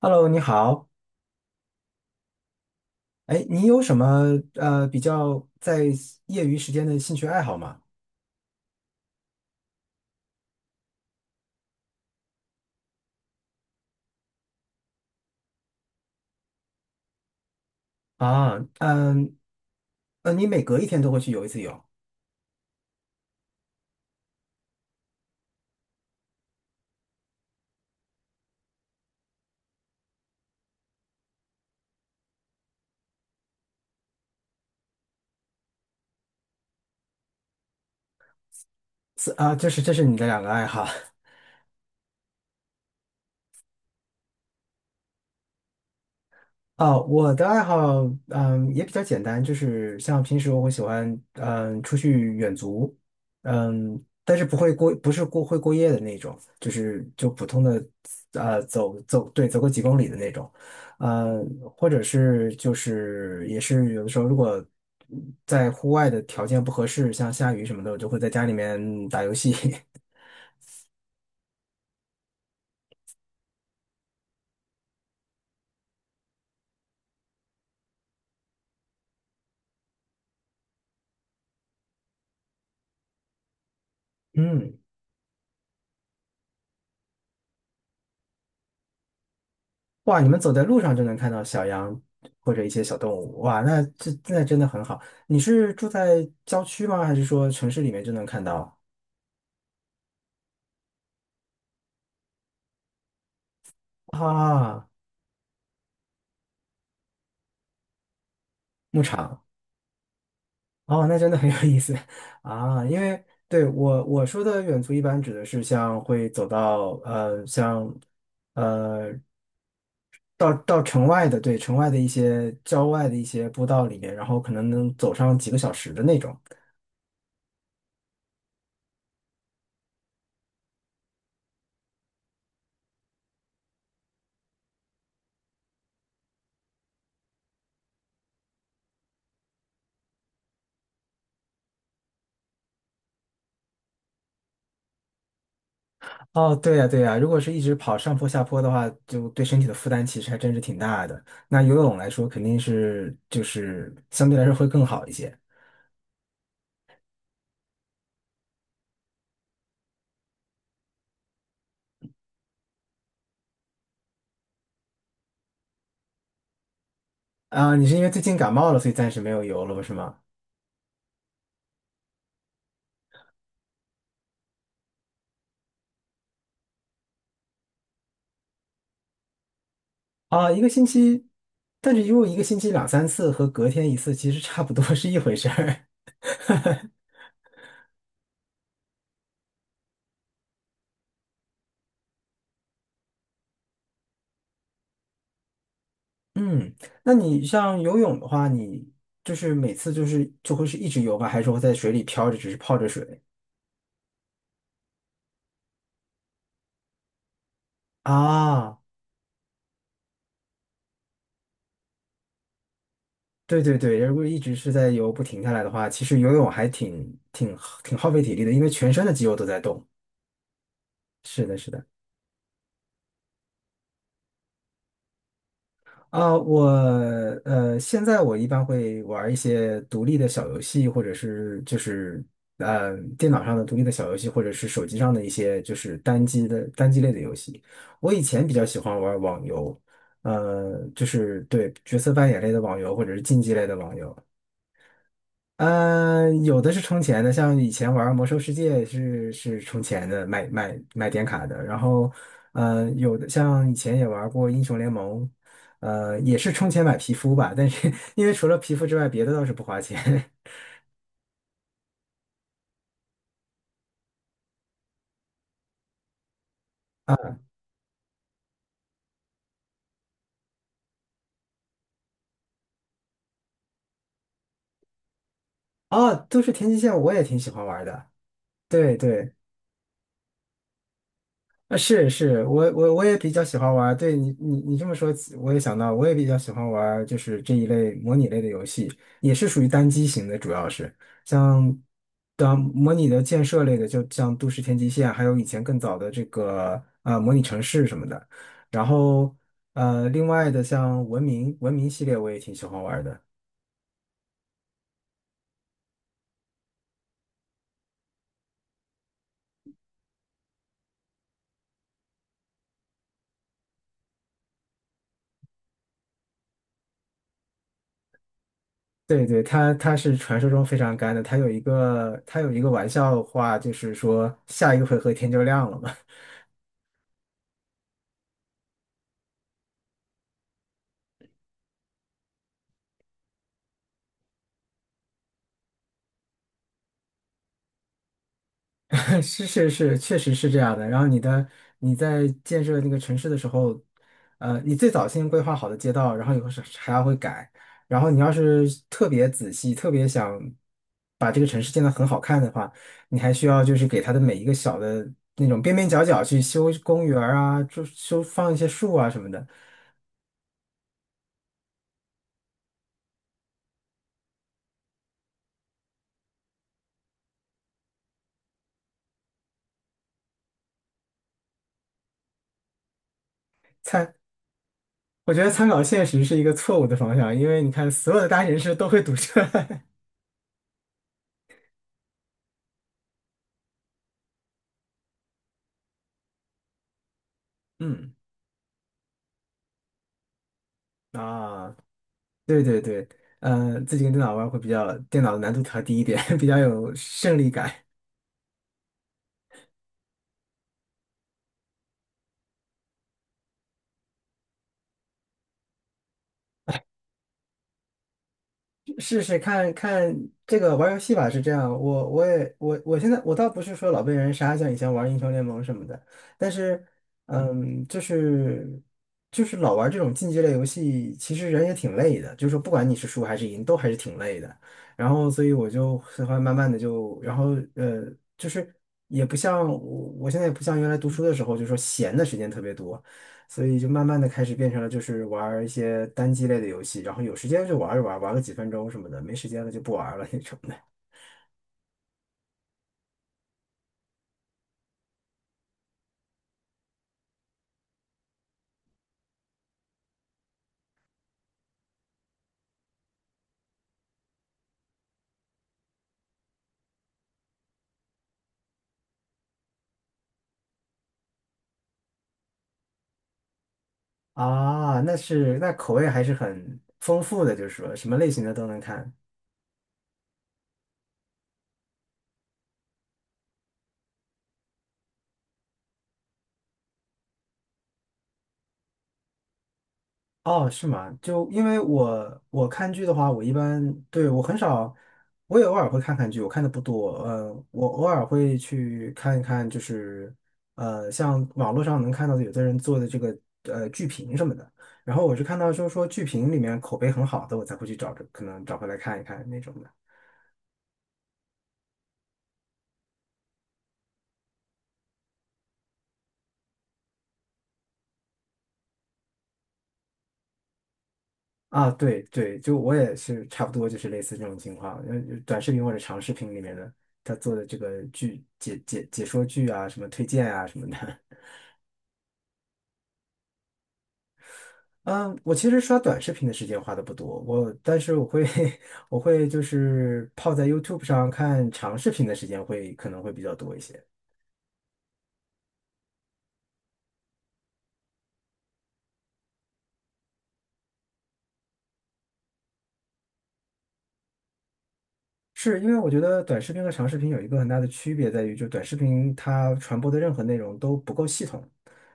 Hello，你好。哎，你有什么比较在业余时间的兴趣爱好吗？啊，嗯，你每隔一天都会去游一次泳，是啊，这是你的两个爱好。哦，我的爱好，嗯，也比较简单，就是像平时我会喜欢，嗯，出去远足，嗯，但是不会过，不是过会过夜的那种，就普通的，走走，对，走个几公里的那种，嗯，或者是就是也是有的时候如果在户外的条件不合适，像下雨什么的，我就会在家里面打游戏，嗯。哇，你们走在路上就能看到小羊或者一些小动物，哇，那真的很好。你是住在郊区吗？还是说城市里面就能看到？啊，牧场，哦，那真的很有意思 啊。因为对我说的远足一般指的是像会走到呃像呃到城外的对城外的一些郊外的一些步道里面，然后可能能走上几个小时的那种。哦，对呀，对呀，如果是一直跑上坡下坡的话，就对身体的负担其实还真是挺大的。那游泳来说，肯定是就是相对来说会更好一些啊。你是因为最近感冒了，所以暂时没有游了，是吗？啊，一个星期，但是游泳一个星期两三次和隔天一次其实差不多是一回事儿。嗯，那你像游泳的话，你就是每次就是就会是一直游吧，还是说在水里漂着，只是泡着水啊？对对对，如果一直是在游不停下来的话，其实游泳还挺耗费体力的，因为全身的肌肉都在动。是的，是的。啊，我现在我一般会玩一些独立的小游戏，或者是就是电脑上的独立的小游戏，或者是手机上的一些就是单机的单机类的游戏。我以前比较喜欢玩网游，就是对角色扮演类的网游或者是竞技类的网游。有的是充钱的，像以前玩《魔兽世界》是充钱的，买点卡的。然后，有的像以前也玩过《英雄联盟》，也是充钱买皮肤吧。但是 因为除了皮肤之外，别的倒是不花钱。哦，都是天际线，我也挺喜欢玩的。对对。啊，我也比较喜欢玩儿。对你这么说起我也想到，我也比较喜欢玩儿，就是这一类模拟类的游戏，也是属于单机型的，主要是像当模拟的建设类的，就像《都市天际线》，还有以前更早的这个模拟城市什么的。然后另外的像《文明》系列，我也挺喜欢玩儿的。对对，它是传说中非常干的，它有一个玩笑话，就是说下一个回合天就亮了嘛。是,确实是这样的。然后你在建设那个城市的时候，你最早先规划好的街道，然后以后是还要会改。然后你要是特别仔细，特别想把这个城市建得很好看的话，你还需要就是给它的每一个小的那种边边角角去修公园儿啊，就修放一些树啊什么的。我觉得参考现实是一个错误的方向，因为你看所有的大城市都会堵车。嗯啊。对对对，自己跟电脑玩会比较，电脑的难度调低一点，比较有胜利感。试试看看这个玩游戏吧，是这样。我现在我倒不是说老被人杀，像以前玩英雄联盟什么的，但是嗯，就是老玩这种竞技类游戏，其实人也挺累的，就是说不管你是输还是赢，都还是挺累的。然后所以我就喜欢慢慢的就，然后就是也不像我现在也不像原来读书的时候，就是说闲的时间特别多。所以就慢慢的开始变成了就是玩儿一些单机类的游戏，然后有时间就玩一玩，玩个几分钟什么的，没时间了就不玩了那种的。啊，那是，那口味还是很丰富的，就是说什么类型的都能看。哦，是吗？就因为我看剧的话，我一般对我很少，我也偶尔会看看剧，我看的不多。我偶尔会去看一看，就是像网络上能看到的有的人做的这个剧评什么的。然后我是看到就是说剧评里面口碑很好的，我才会去找着，可能找回来看一看那种的。啊，对对，就我也是差不多就是类似这种情况，短视频或者长视频里面的他做的这个剧解说剧啊，什么推荐啊什么的。嗯，我其实刷短视频的时间花的不多，但是我会 我会就是泡在 YouTube 上看长视频的时间会可能会比较多一些。是因为我觉得短视频和长视频有一个很大的区别在于，就短视频它传播的任何内容都不够系统，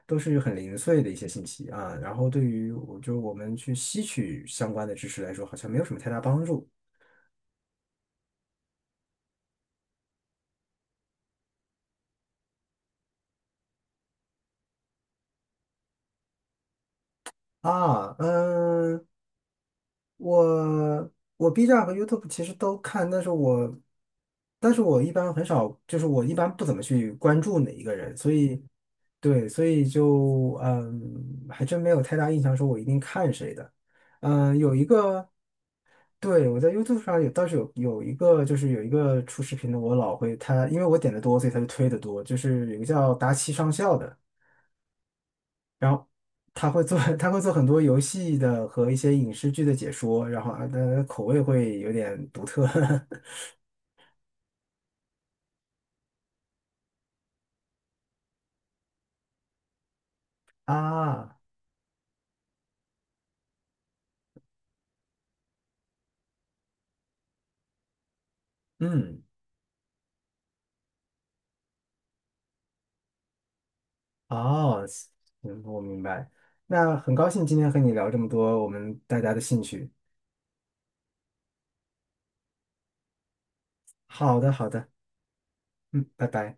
都是很零碎的一些信息啊。然后对于我就是我们去吸取相关的知识来说，好像没有什么太大帮助啊。嗯，我我 B 站和 YouTube 其实都看，但是我一般很少，就是我一般不怎么去关注哪一个人，所以对，所以就嗯，还真没有太大印象，说我一定看谁的。嗯，有一个，对，我在 YouTube 上倒是有一个，就是有一个出视频的，我老会他，因为我点的多，所以他就推的多，就是有一个叫达奇上校的。然后他会做 他会做很多游戏的和一些影视剧的解说，然后啊，他的口味会有点独特 啊，嗯，哦，嗯，我明白。那很高兴今天和你聊这么多我们大家的兴趣。好的，好的，嗯，拜拜。